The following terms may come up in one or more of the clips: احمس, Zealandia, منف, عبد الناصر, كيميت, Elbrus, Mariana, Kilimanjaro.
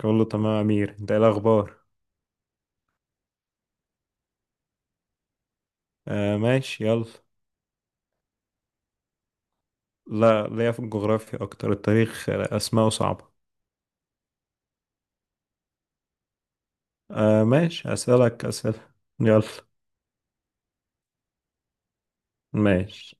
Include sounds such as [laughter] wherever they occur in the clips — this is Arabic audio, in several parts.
كله تمام يا امير، انت ايه الاخبار؟ آه ماشي يلا. لا، ليا في الجغرافيا اكتر، التاريخ اسماءه صعبة. آه ماشي، اسالك اسئله. يلا. ماشي.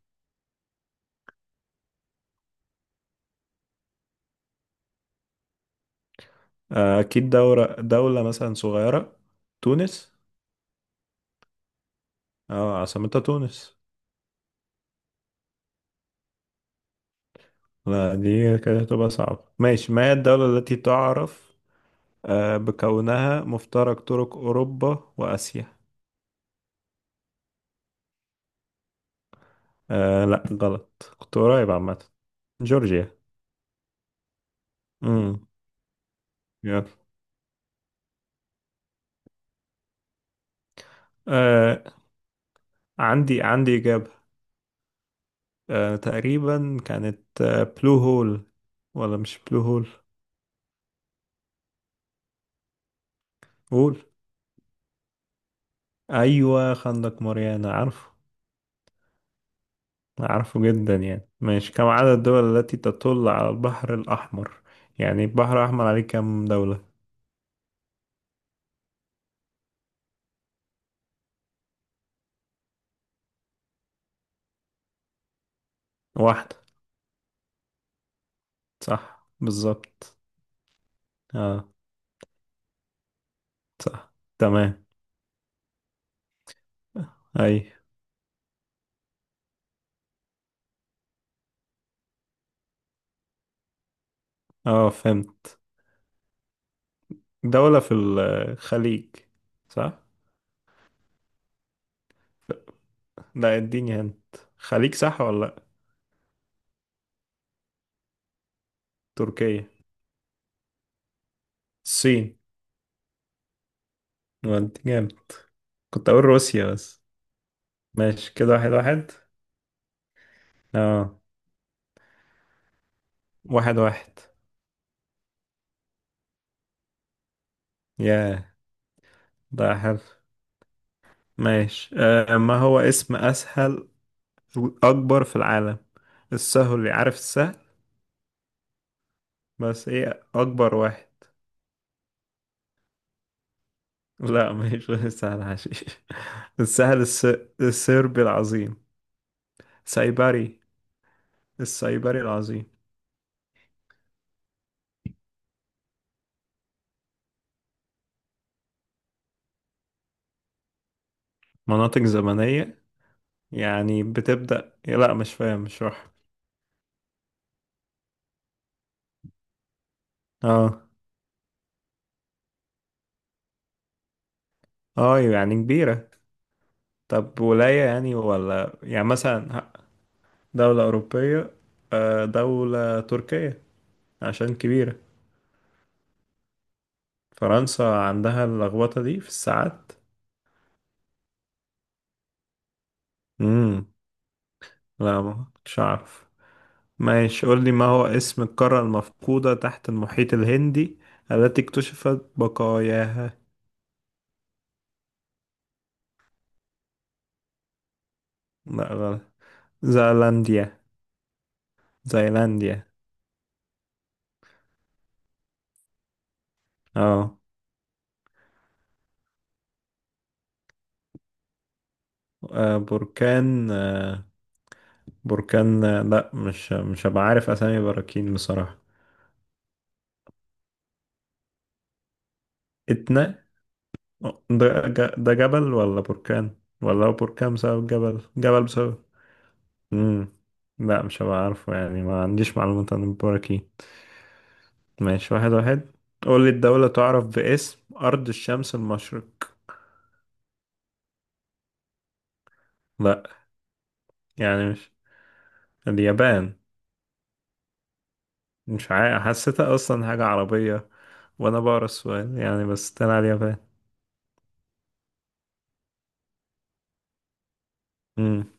آه اكيد، دورة دولة مثلا صغيرة. تونس. اه عاصمتها تونس. لا دي كده هتبقى صعبة. ماشي، ما هي الدولة التي تعرف بكونها مفترق طرق اوروبا واسيا؟ آه لا غلط، كنت قريب عامة. جورجيا. امم. يلا. آه عندي عندي إجابة. آه تقريبا كانت بلو هول، ولا مش بلو هول؟ هول. أيوة خندق ماريانا، عارفه. عارفه جدا يعني. ماشي، كم عدد الدول التي تطل على البحر الأحمر؟ يعني البحر الأحمر عليه كم دولة؟ واحدة. صح بالظبط. اه. صح تمام. أي. اه فهمت. دولة في الخليج؟ صح. لا اديني هنت، خليج صح ولا لأ؟ تركيا. الصين. ودي جامد. كنت أقول روسيا بس. ماشي كده واحد واحد. اه. واحد واحد. ياه. ده حلو. ماشي، ما هو اسم اسهل اكبر في العالم، السهل اللي عارف السهل، بس ايه اكبر واحد؟ لا مش [laughs] غير السهل حشيش. [laughs] السهل الس... السربي العظيم. سايبري. السايبري العظيم. مناطق زمنية. يعني بتبدأ، لا مش فاهم مش راح. اه. اه يعني كبيرة. طب ولاية يعني، ولا يعني مثلا؟ دولة أوروبية. دولة تركية. عشان كبيرة. فرنسا عندها اللخبطة دي في الساعات؟ امم. لا ما كنتش أعرف. ماشي، قول لي، ما هو اسم القارة المفقودة تحت المحيط الهندي التي اكتشفت بقاياها؟ لا غلط. زيلانديا. زيلانديا. اه. آه، بركان آه، بركان آه، لا مش مش هبقى عارف أسامي براكين بصراحة. اتنا. ده جبل ولا بركان؟ ولا هو بركان بسبب جبل، جبل بسبب امم. لا مش هبقى عارفه، يعني ما عنديش معلومات عن البراكين. ماشي واحد واحد. قول لي، الدولة تعرف باسم أرض الشمس المشرق. لا يعني مش، اليابان. مش عارف، حسيتها أصلا حاجة عربية وأنا بقرا السؤال يعني، بس طلع اليابان. امم.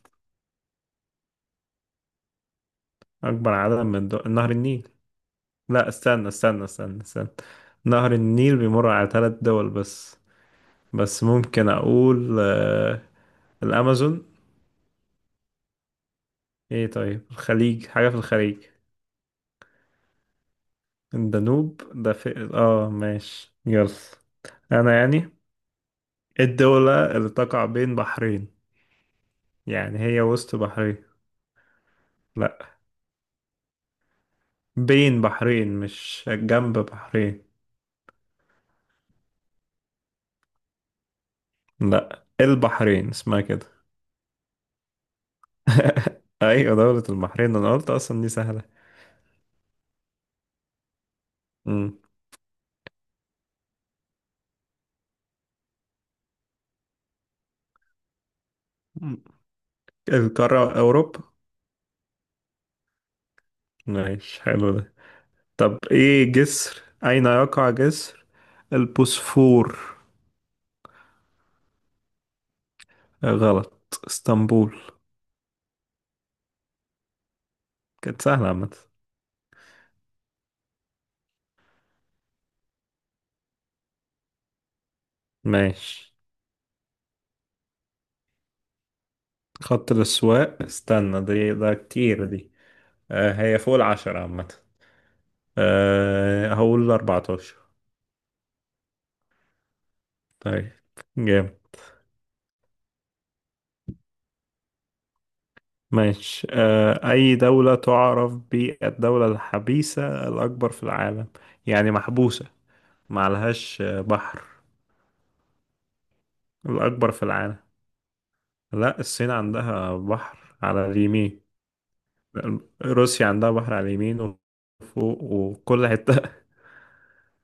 أكبر عدد من دول، نهر النيل. لا استنى استنى استنى. نهر النيل بيمر على ثلاث دول بس. بس ممكن اقول الامازون. ايه طيب الخليج، حاجة في الخليج. الدانوب ده في اه، ماشي يلا. انا يعني الدولة اللي تقع بين بحرين، يعني هي وسط بحرين. لا، بين بحرين، مش جنب بحرين. لا البحرين اسمها كده. [laughs] ايوه دولة البحرين، انا قلت اصلا دي سهلة. مم. القارة اوروبا. ماشي حلو ده. طب ايه جسر، اين يقع جسر البوسفور؟ غلط، اسطنبول. كانت سهلة عامة. ماشي. خط الأسواق، استنى دي، ده كتير دي. آه هي فوق العشرة عامة. آه هقول أربعتاشر. طيب. جامد. ماشي، آه أي دولة تعرف بالدولة الحبيسة الأكبر في العالم؟ يعني محبوسة، معلهاش بحر؟ الأكبر في العالم. لا الصين عندها بحر على اليمين. روسيا عندها بحر على اليمين وفوق وكل حتة. [laughs]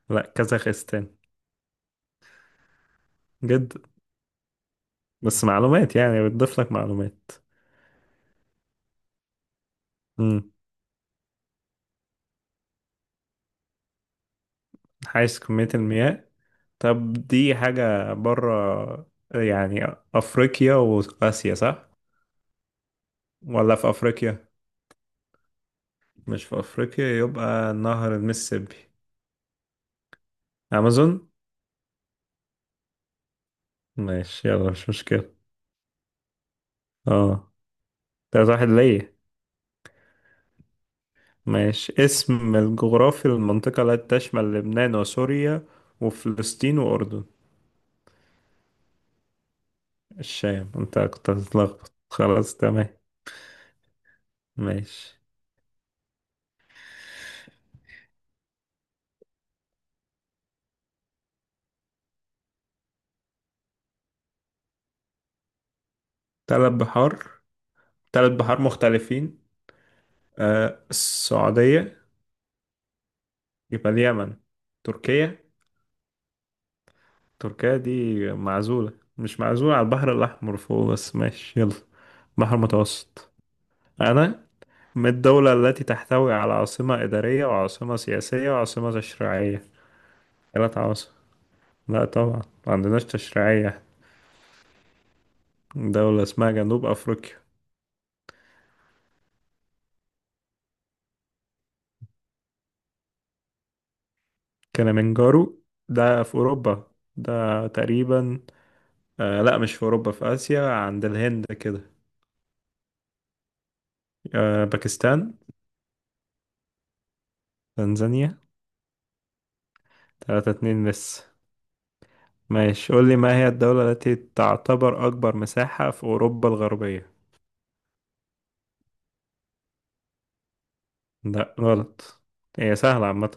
لا، كازاخستان. جد. بس معلومات، يعني بتضيف لك معلومات. امم. حيث كمية المياه. طب دي حاجة بره يعني، أفريقيا وآسيا صح؟ ولا في أفريقيا؟ مش في أفريقيا، يبقى نهر المississippi. أمازون؟ ماشي يلا، مش مشكلة. اه. تلاتة واحد ليا. ماشي، اسم الجغرافي للمنطقة التي تشمل لبنان وسوريا وفلسطين وأردن. الشام، انت كنت هتتلخبط، خلاص تمام. ماشي. تلات بحار. تلات بحار مختلفين. آه السعودية. يبقى اليمن. تركيا. تركيا دي معزولة. مش معزولة، على البحر الأحمر فوق بس، ماشي يلا. بحر متوسط. أنا. من الدولة التي تحتوي على عاصمة إدارية وعاصمة سياسية وعاصمة تشريعية؟ ثلاث عواصم. لا طبعا ما عندناش تشريعية. دولة اسمها جنوب أفريقيا. كليمنجارو. ده في أوروبا، ده تقريبا. آه لا مش في أوروبا، في آسيا عند الهند كده. آه باكستان. تنزانيا. تلاتة اتنين لسه. ماشي، قول لي، ما هي الدولة التي تعتبر أكبر مساحة في أوروبا الغربية؟ لا غلط. هي سهلة عامة.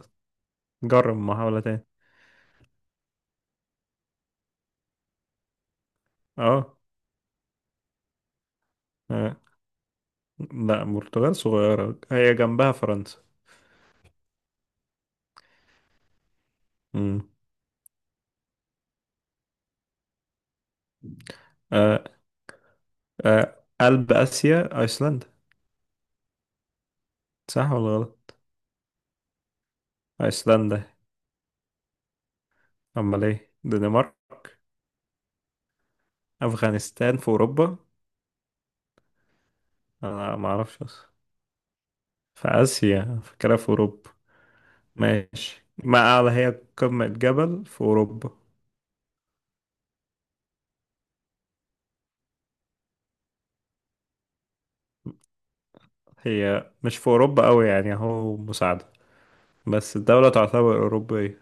جرب محاولة تاني. اه. آه. لا البرتغال صغيرة، هي جنبها فرنسا. مم. آه، قلب آسيا، أيسلندا. صح ولا غلط؟ أيسلندا. أمال إيه؟ دنمارك. أفغانستان في أوروبا. أنا ما أعرفش أصلا. في آسيا، فاكرها في أوروبا. ماشي، ما أعلى هي قمة جبل في أوروبا. هي مش في أوروبا أوي يعني، أهو مساعدة. بس الدولة تعتبر أوروبية.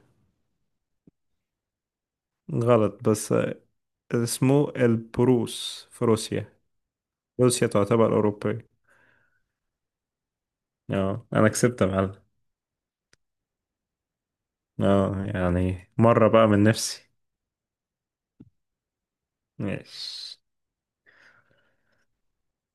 غلط، بس اسمه البروس في روسيا. روسيا تعتبر أوروبية. اه أنا كسبت يا معلم. اه يعني مرة بقى من نفسي. ماشي.